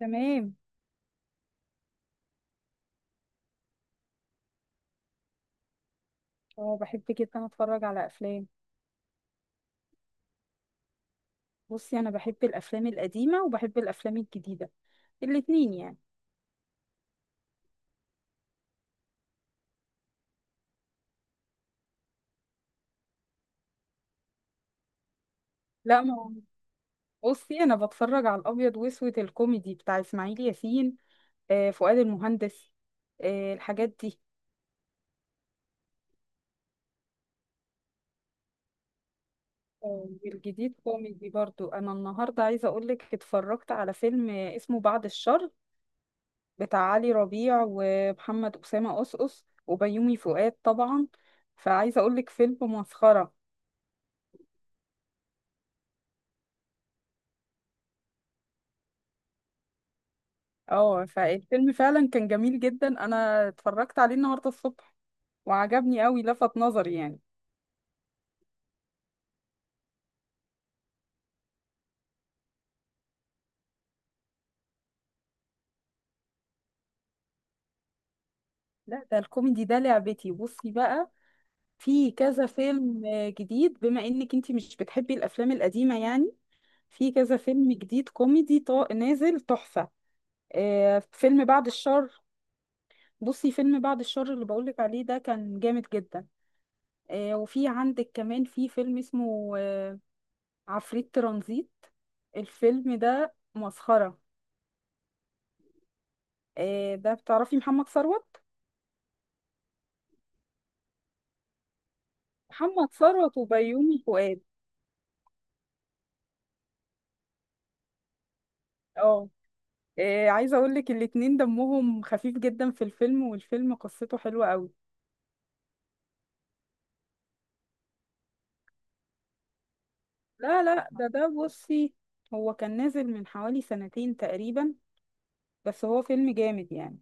تمام. اه، بحب جدا اتفرج على افلام. بصي، انا بحب الافلام القديمه وبحب الافلام الجديده، الاتنين يعني. لا ما هو- بصي، انا بتفرج على الابيض واسود الكوميدي بتاع اسماعيل ياسين، آه، فؤاد المهندس، آه، الحاجات دي. آه، والجديد كوميدي برضو. انا النهارده عايزه اقول لك اتفرجت على فيلم اسمه بعد الشر، بتاع علي ربيع ومحمد اسامه قصقص وبيومي فؤاد طبعا. فعايزه اقول لك فيلم مسخره. اه، فالفيلم فعلا كان جميل جدا. انا اتفرجت عليه النهارده الصبح وعجبني قوي، لفت نظري يعني. لا، ده الكوميدي ده لعبتي. بصي بقى، في كذا فيلم آه، جديد، بما انك انتي مش بتحبي الافلام القديمه يعني. في كذا فيلم جديد كوميدي نازل تحفه. آه، فيلم بعد الشر. بصي، فيلم بعد الشر اللي بقولك عليه ده كان جامد جدا. آه، وفي عندك كمان في فيلم اسمه آه، عفريت ترانزيت. الفيلم ده مسخرة. آه، ده بتعرفي محمد ثروت. محمد ثروت وبيومي فؤاد. اه. آه، عايزه اقول لك الاتنين دمهم خفيف جدا في الفيلم، والفيلم قصته حلوه قوي. لا لا، ده بصي، هو كان نازل من حوالي سنتين تقريبا، بس هو فيلم جامد يعني.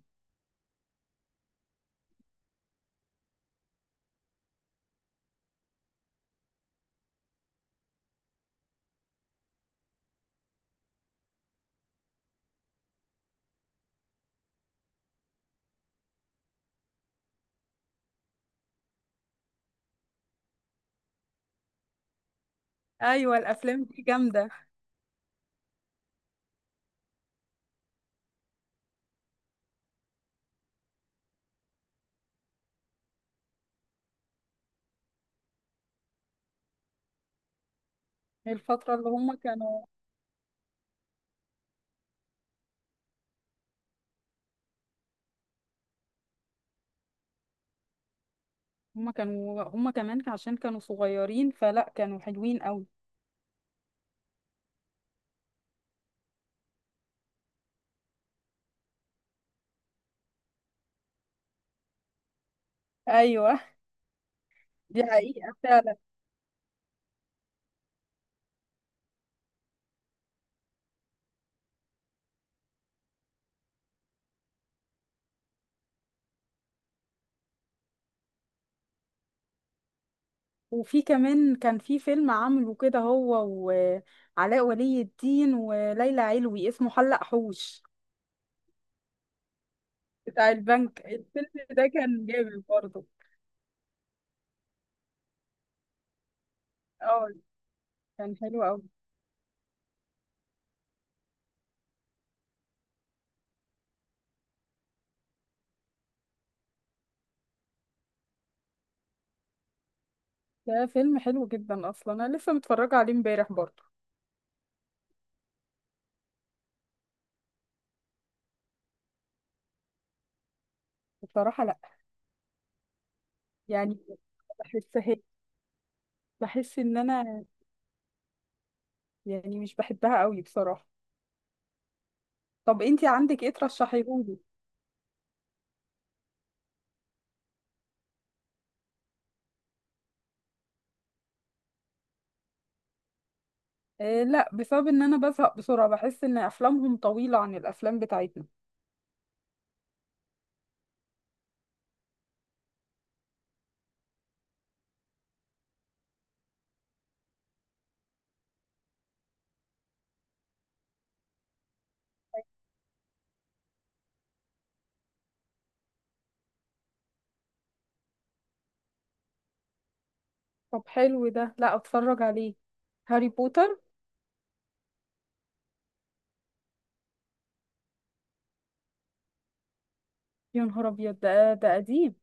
ايوه، الافلام دي جامده. الفتره اللي هم كانوا. هم كمان عشان كانوا صغيرين، فلا كانوا حلوين قوي. ايوه، دي حقيقه فعلا. وفي كمان كان في فيلم عامله كده هو وعلاء ولي الدين وليلى علوي، اسمه حلق حوش، بتاع البنك. الفيلم ده كان جامد برضه. اه، كان حلو قوي. ده فيلم حلو جدا، اصلا انا لسه متفرجه عليه امبارح برضه. بصراحه لا، يعني بحسها، بحس ان انا يعني مش بحبها قوي بصراحه. طب انتي عندك ايه ترشحيهولي؟ آه لا، بسبب ان انا بزهق بسرعه، بحس ان افلامهم طويله عن الافلام بتاعتنا. طب حلو ده، لا اتفرج عليه. هاري بوتر. يا نهار ابيض، ده قديم.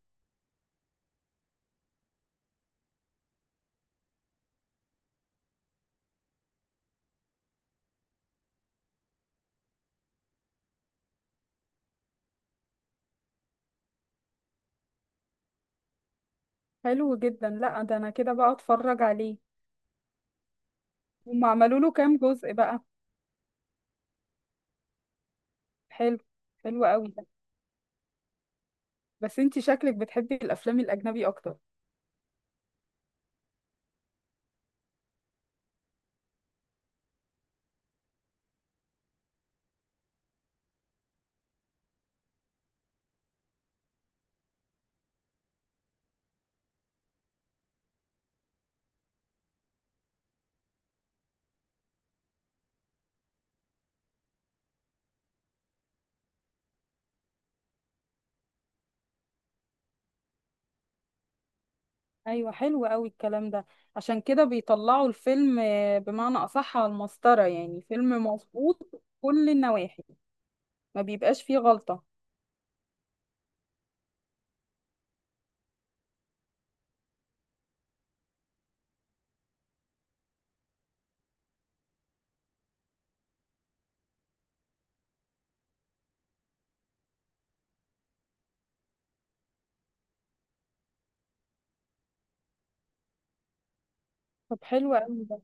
حلو جدا، لا ده انا كده بقى اتفرج عليه. هم عملوا له كام جزء بقى؟ حلو. حلو قوي ده. بس انتي شكلك بتحبي الافلام الاجنبي اكتر. ايوه، حلو قوي الكلام ده. عشان كده بيطلعوا الفيلم آه، بمعنى اصح على المسطره، يعني فيلم مظبوط كل النواحي، ما بيبقاش فيه غلطه. طب حلو قوي ده،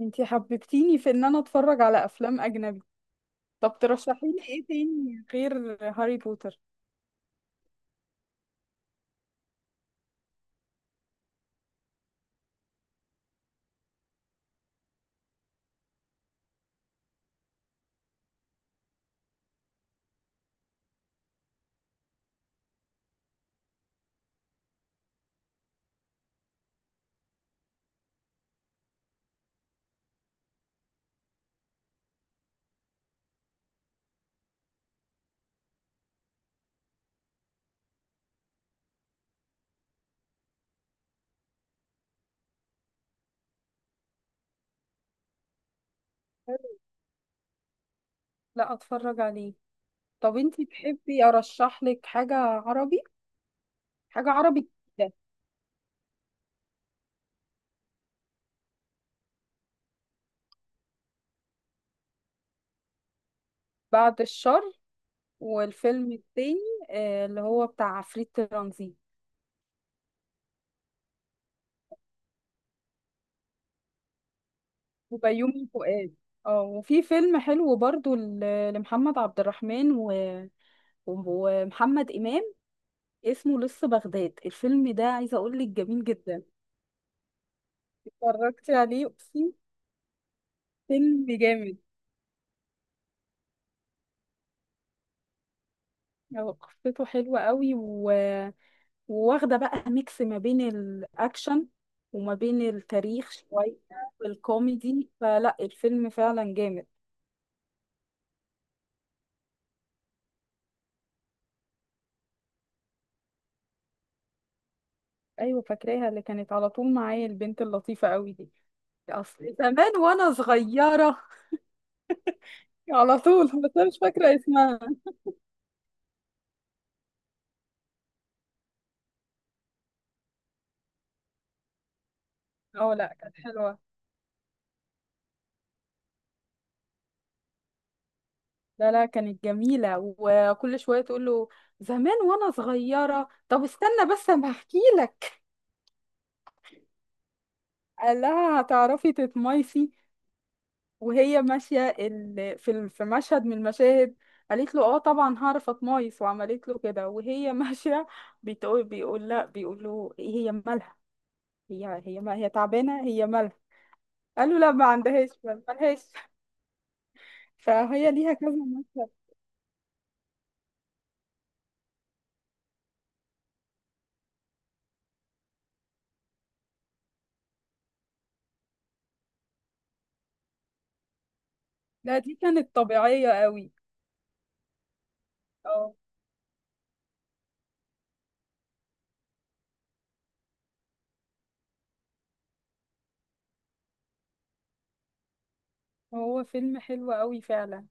انتي حببتيني في ان انا اتفرج على افلام اجنبي. طب ترشحي لي ايه تاني غير هاري بوتر؟ حلو. لا اتفرج عليه. طب انتي تحبي ارشح لك حاجة عربي؟ حاجة عربي كده. بعد الشر. والفيلم التاني آه، اللي هو بتاع عفريت ترانزيت. وبيومي فؤاد. اه، وفي فيلم حلو برضو لمحمد عبد الرحمن ومحمد إمام، اسمه لص بغداد. الفيلم ده عايزة اقول لك جميل جدا. اتفرجتي عليه، اقسم. فيلم جامد. هو قصته حلوة قوي، وواخدة بقى ميكس ما بين الأكشن وما بين التاريخ شوية والكوميدي، فلا الفيلم فعلا جامد. أيوة فاكراها، اللي كانت على طول معايا البنت اللطيفة قوي دي. أصل زمان وأنا صغيرة على طول، بس أنا مش فاكرة اسمها. اه، لا كانت حلوة. لا لا، كانت جميلة، وكل شوية تقول له زمان وأنا صغيرة. طب استنى بس أما أحكي لك. قال لها هتعرفي تتميسي، في في مشهد من المشاهد قالت له اه طبعا هعرف اتمايص، وعملت له كده وهي ماشية. بيقول لا، بيقول له إيه هي مالها؟ هي ما هي تعبانة، هي مالها؟ قال له لا، ما عندهاش مالهاش. فهي ليها كذا مشهد. لا دي كانت طبيعية قوي. اه، هو فيلم حلو قوي فعلا.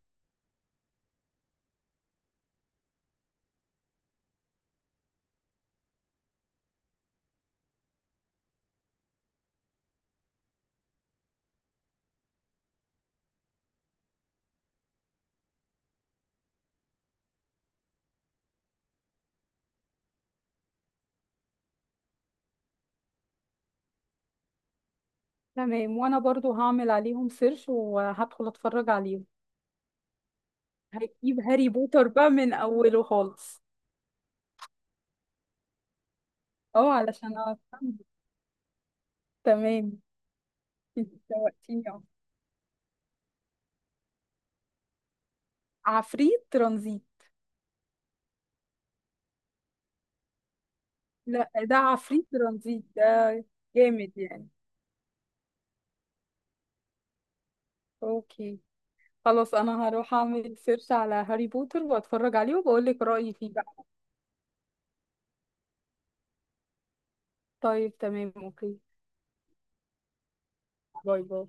تمام، وانا برضو هعمل عليهم سيرش وهدخل اتفرج عليهم. هجيب هاري بوتر بقى من اوله خالص. اه علشان أفهم. تمام. انت شوقتيني اهو. عفريت ترانزيت. لا ده عفريت ترانزيت ده جامد يعني. اوكي. خلاص، انا هروح اعمل سيرش على هاري بوتر واتفرج عليه وبقول لك رأيي فيه بقى. طيب تمام، اوكي. باي باي.